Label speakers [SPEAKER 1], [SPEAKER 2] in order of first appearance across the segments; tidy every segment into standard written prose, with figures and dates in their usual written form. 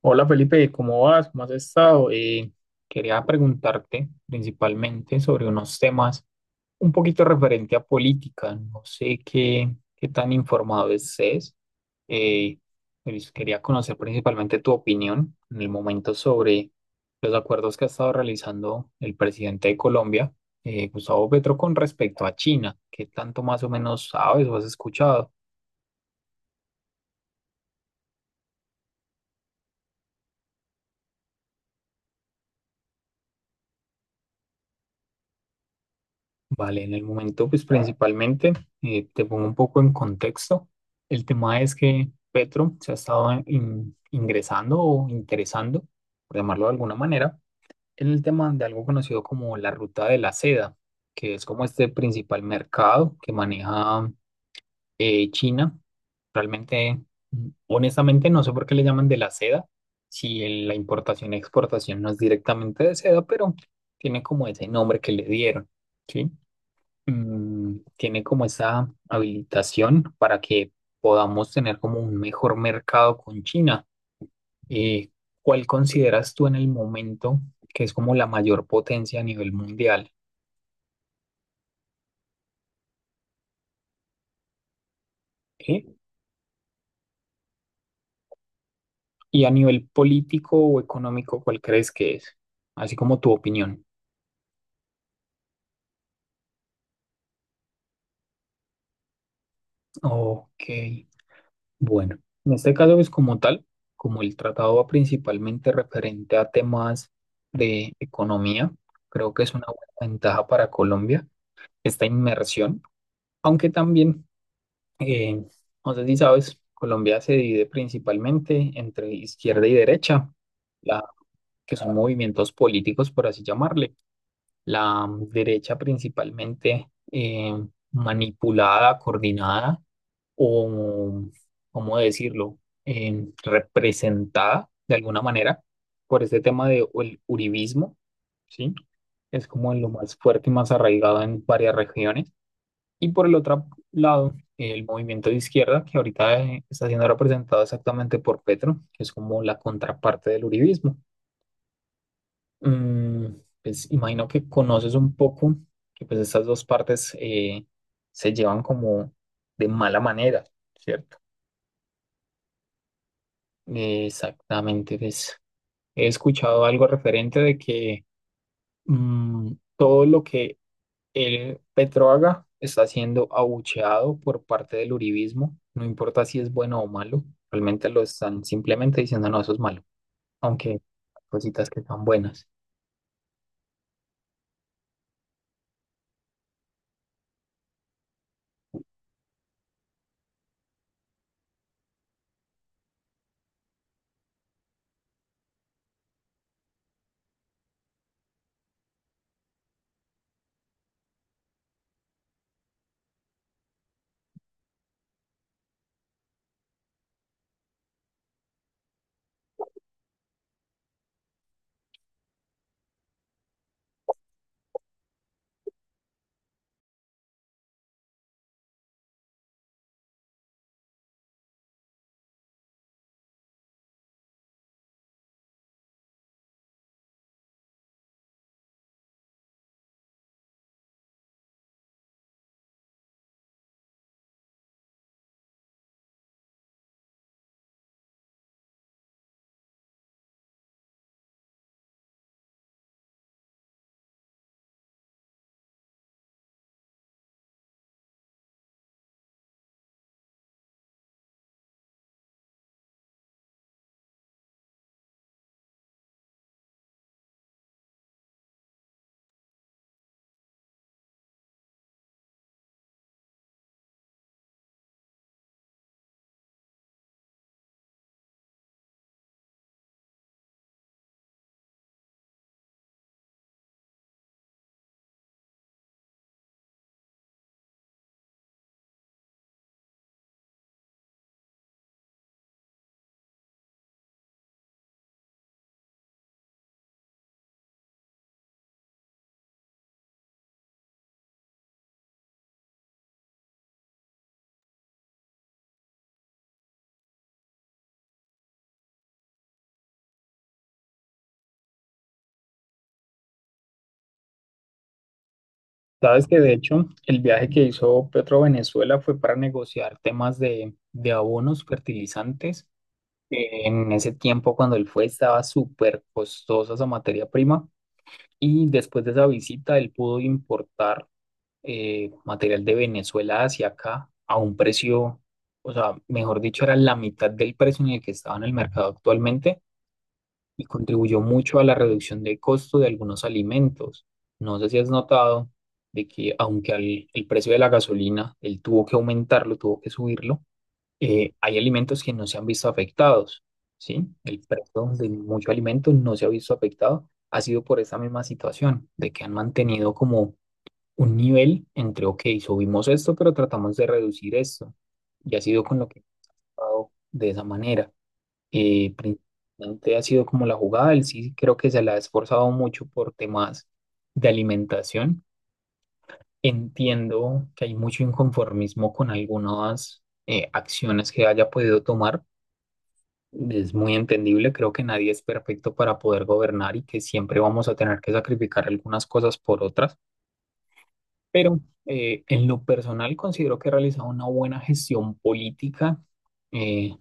[SPEAKER 1] Hola Felipe, ¿cómo vas? ¿Cómo has estado? Quería preguntarte principalmente sobre unos temas un poquito referente a política. No sé qué tan informado estés. Eh, Quería conocer principalmente tu opinión en el momento sobre los acuerdos que ha estado realizando el presidente de Colombia, Gustavo Petro, con respecto a China. ¿Qué tanto más o menos sabes o has escuchado? Vale, en el momento, pues principalmente, te pongo un poco en contexto. El tema es que Petro se ha estado ingresando o interesando, por llamarlo de alguna manera, en el tema de algo conocido como la ruta de la seda, que es como este principal mercado que maneja China. Realmente, honestamente, no sé por qué le llaman de la seda, si la importación y exportación no es directamente de seda, pero tiene como ese nombre que le dieron, ¿sí? Tiene como esa habilitación para que podamos tener como un mejor mercado con China. Eh, ¿Cuál consideras tú en el momento que es como la mayor potencia a nivel mundial? ¿Eh? Y a nivel político o económico, ¿cuál crees que es? Así como tu opinión. Ok, bueno. En este caso es como tal, como el tratado va principalmente referente a temas de economía, creo que es una buena ventaja para Colombia esta inmersión, aunque también, eh, no sé si sabes, Colombia se divide principalmente entre izquierda y derecha, la, que son movimientos políticos, por así llamarle. La derecha principalmente manipulada, coordinada o, ¿cómo decirlo?, representada de alguna manera por este tema de o el uribismo, ¿sí? Es como lo más fuerte y más arraigado en varias regiones, y por el otro lado, el movimiento de izquierda, que ahorita está siendo representado exactamente por Petro, que es como la contraparte del uribismo. Mm, pues imagino que conoces un poco que pues estas dos partes se llevan como de mala manera, ¿cierto? Exactamente, pues he escuchado algo referente de que mm, todo lo que el Petroaga está siendo abucheado por parte del uribismo, no importa si es bueno o malo, realmente lo están simplemente diciendo no, eso es malo, aunque hay cositas que son buenas. Sabes que de hecho el viaje que hizo Petro a Venezuela fue para negociar temas de abonos fertilizantes. En ese tiempo cuando él fue estaba súper costosa esa materia prima y después de esa visita él pudo importar material de Venezuela hacia acá a un precio, o sea, mejor dicho, era la mitad del precio en el que estaba en el mercado actualmente y contribuyó mucho a la reducción de costo de algunos alimentos. No sé si has notado de que aunque el precio de la gasolina, él tuvo que aumentarlo, tuvo que subirlo, hay alimentos que no se han visto afectados, ¿sí? El precio de muchos alimentos no se ha visto afectado. Ha sido por esa misma situación, de que han mantenido como un nivel entre, ok, subimos esto, pero tratamos de reducir esto. Y ha sido con lo que he jugado de esa manera. Principalmente ha sido como la jugada, él sí creo que se la ha esforzado mucho por temas de alimentación. Entiendo que hay mucho inconformismo con algunas acciones que haya podido tomar. Es muy entendible, creo que nadie es perfecto para poder gobernar y que siempre vamos a tener que sacrificar algunas cosas por otras. Pero en lo personal considero que he realizado una buena gestión política, eh,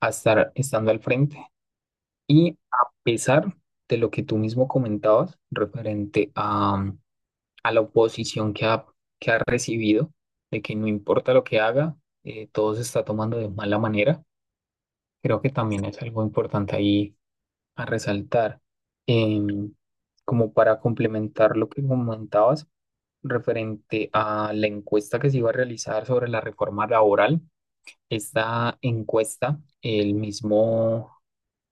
[SPEAKER 1] estando al frente y a pesar de lo que tú mismo comentabas referente a, a la oposición que ha recibido, de que no importa lo que haga, todo se está tomando de mala manera, creo que también es algo importante ahí a resaltar. Em, Como para complementar lo que comentabas, referente a la encuesta que se iba a realizar sobre la reforma laboral. Esta encuesta, el mismo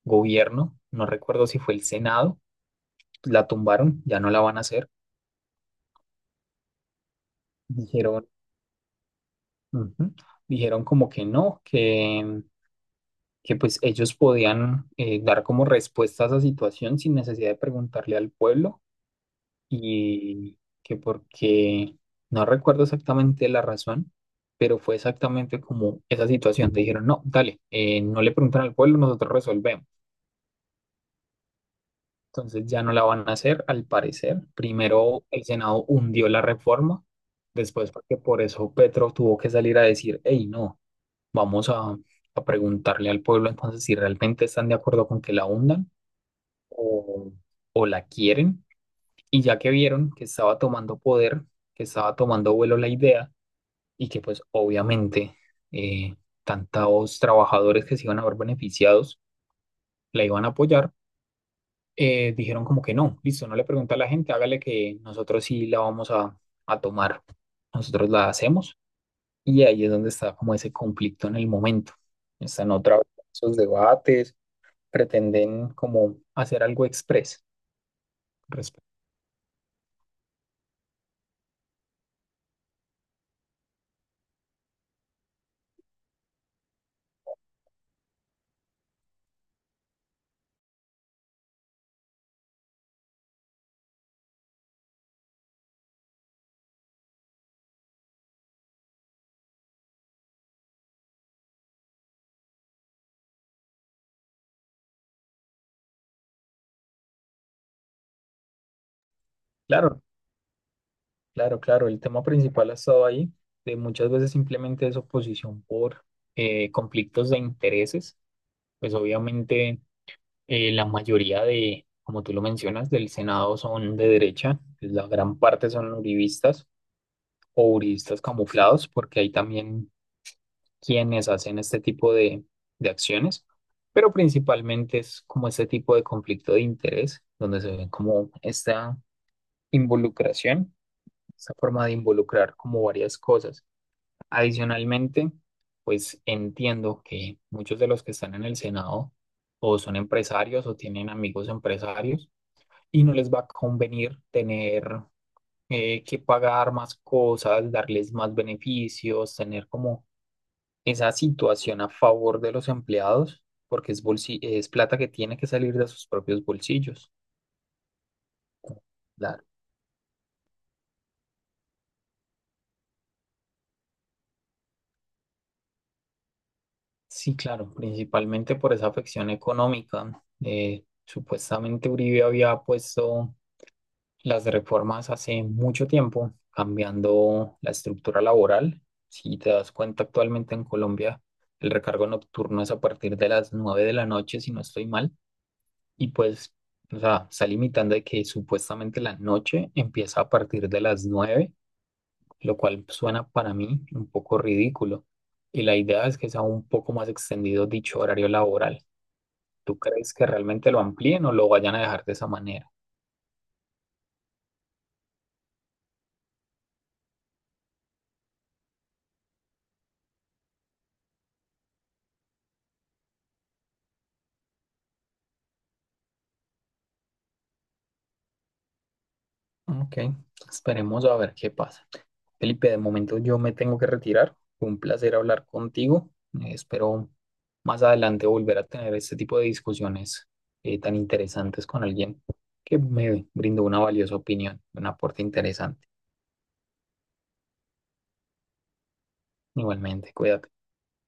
[SPEAKER 1] gobierno, no recuerdo si fue el Senado, la tumbaron, ya no la van a hacer. Dijeron, ujú, dijeron como que no, que pues ellos podían dar como respuesta a esa situación sin necesidad de preguntarle al pueblo y que porque no recuerdo exactamente la razón, pero fue exactamente como esa situación. Te dijeron, no, dale, no le preguntan al pueblo, nosotros resolvemos. Entonces ya no la van a hacer, al parecer. Primero el Senado hundió la reforma, después porque por eso Petro tuvo que salir a decir, hey, no, vamos a, a preguntarle al pueblo entonces si realmente están de acuerdo con que la hundan o, o la quieren. Y ya que vieron que estaba tomando poder, que estaba tomando vuelo la idea y que pues obviamente eh, tantos trabajadores que se iban a ver beneficiados la iban a apoyar, dijeron como que no, listo, no le pregunta a la gente, hágale que nosotros sí la vamos a tomar, nosotros la hacemos. Y ahí es donde está como ese conflicto en el momento. Están otra vez esos debates, pretenden como hacer algo express. Claro, claro, el tema principal ha estado ahí, de muchas veces simplemente es oposición por conflictos de intereses, pues obviamente la mayoría de, como tú lo mencionas, del Senado son de derecha, pues, la gran parte son uribistas o uribistas camuflados, porque hay también quienes hacen este tipo de acciones, pero principalmente es como este tipo de conflicto de interés, donde se ve como esta involucración, esta forma de involucrar como varias cosas. Adicionalmente, pues entiendo que muchos de los que están en el Senado o son empresarios o tienen amigos empresarios y no les va a convenir tener que pagar más cosas, darles más beneficios, tener como esa situación a favor de los empleados, porque es, es plata que tiene que salir de sus propios bolsillos. Claro. Sí, claro, principalmente por esa afección económica. Supuestamente Uribe había puesto las reformas hace mucho tiempo, cambiando la estructura laboral. Si te das cuenta, actualmente en Colombia el recargo nocturno es a partir de las 9 de la noche, si no estoy mal, y pues, o sea, está limitando de que supuestamente la noche empieza a partir de las 9, lo cual suena para mí un poco ridículo. Y la idea es que sea un poco más extendido dicho horario laboral. ¿Tú crees que realmente lo amplíen o lo vayan a dejar de esa manera? Ok, esperemos a ver qué pasa. Felipe, de momento yo me tengo que retirar. Fue un placer hablar contigo. Espero más adelante volver a tener este tipo de discusiones tan interesantes con alguien que me brindó una valiosa opinión, un aporte interesante. Igualmente, cuídate.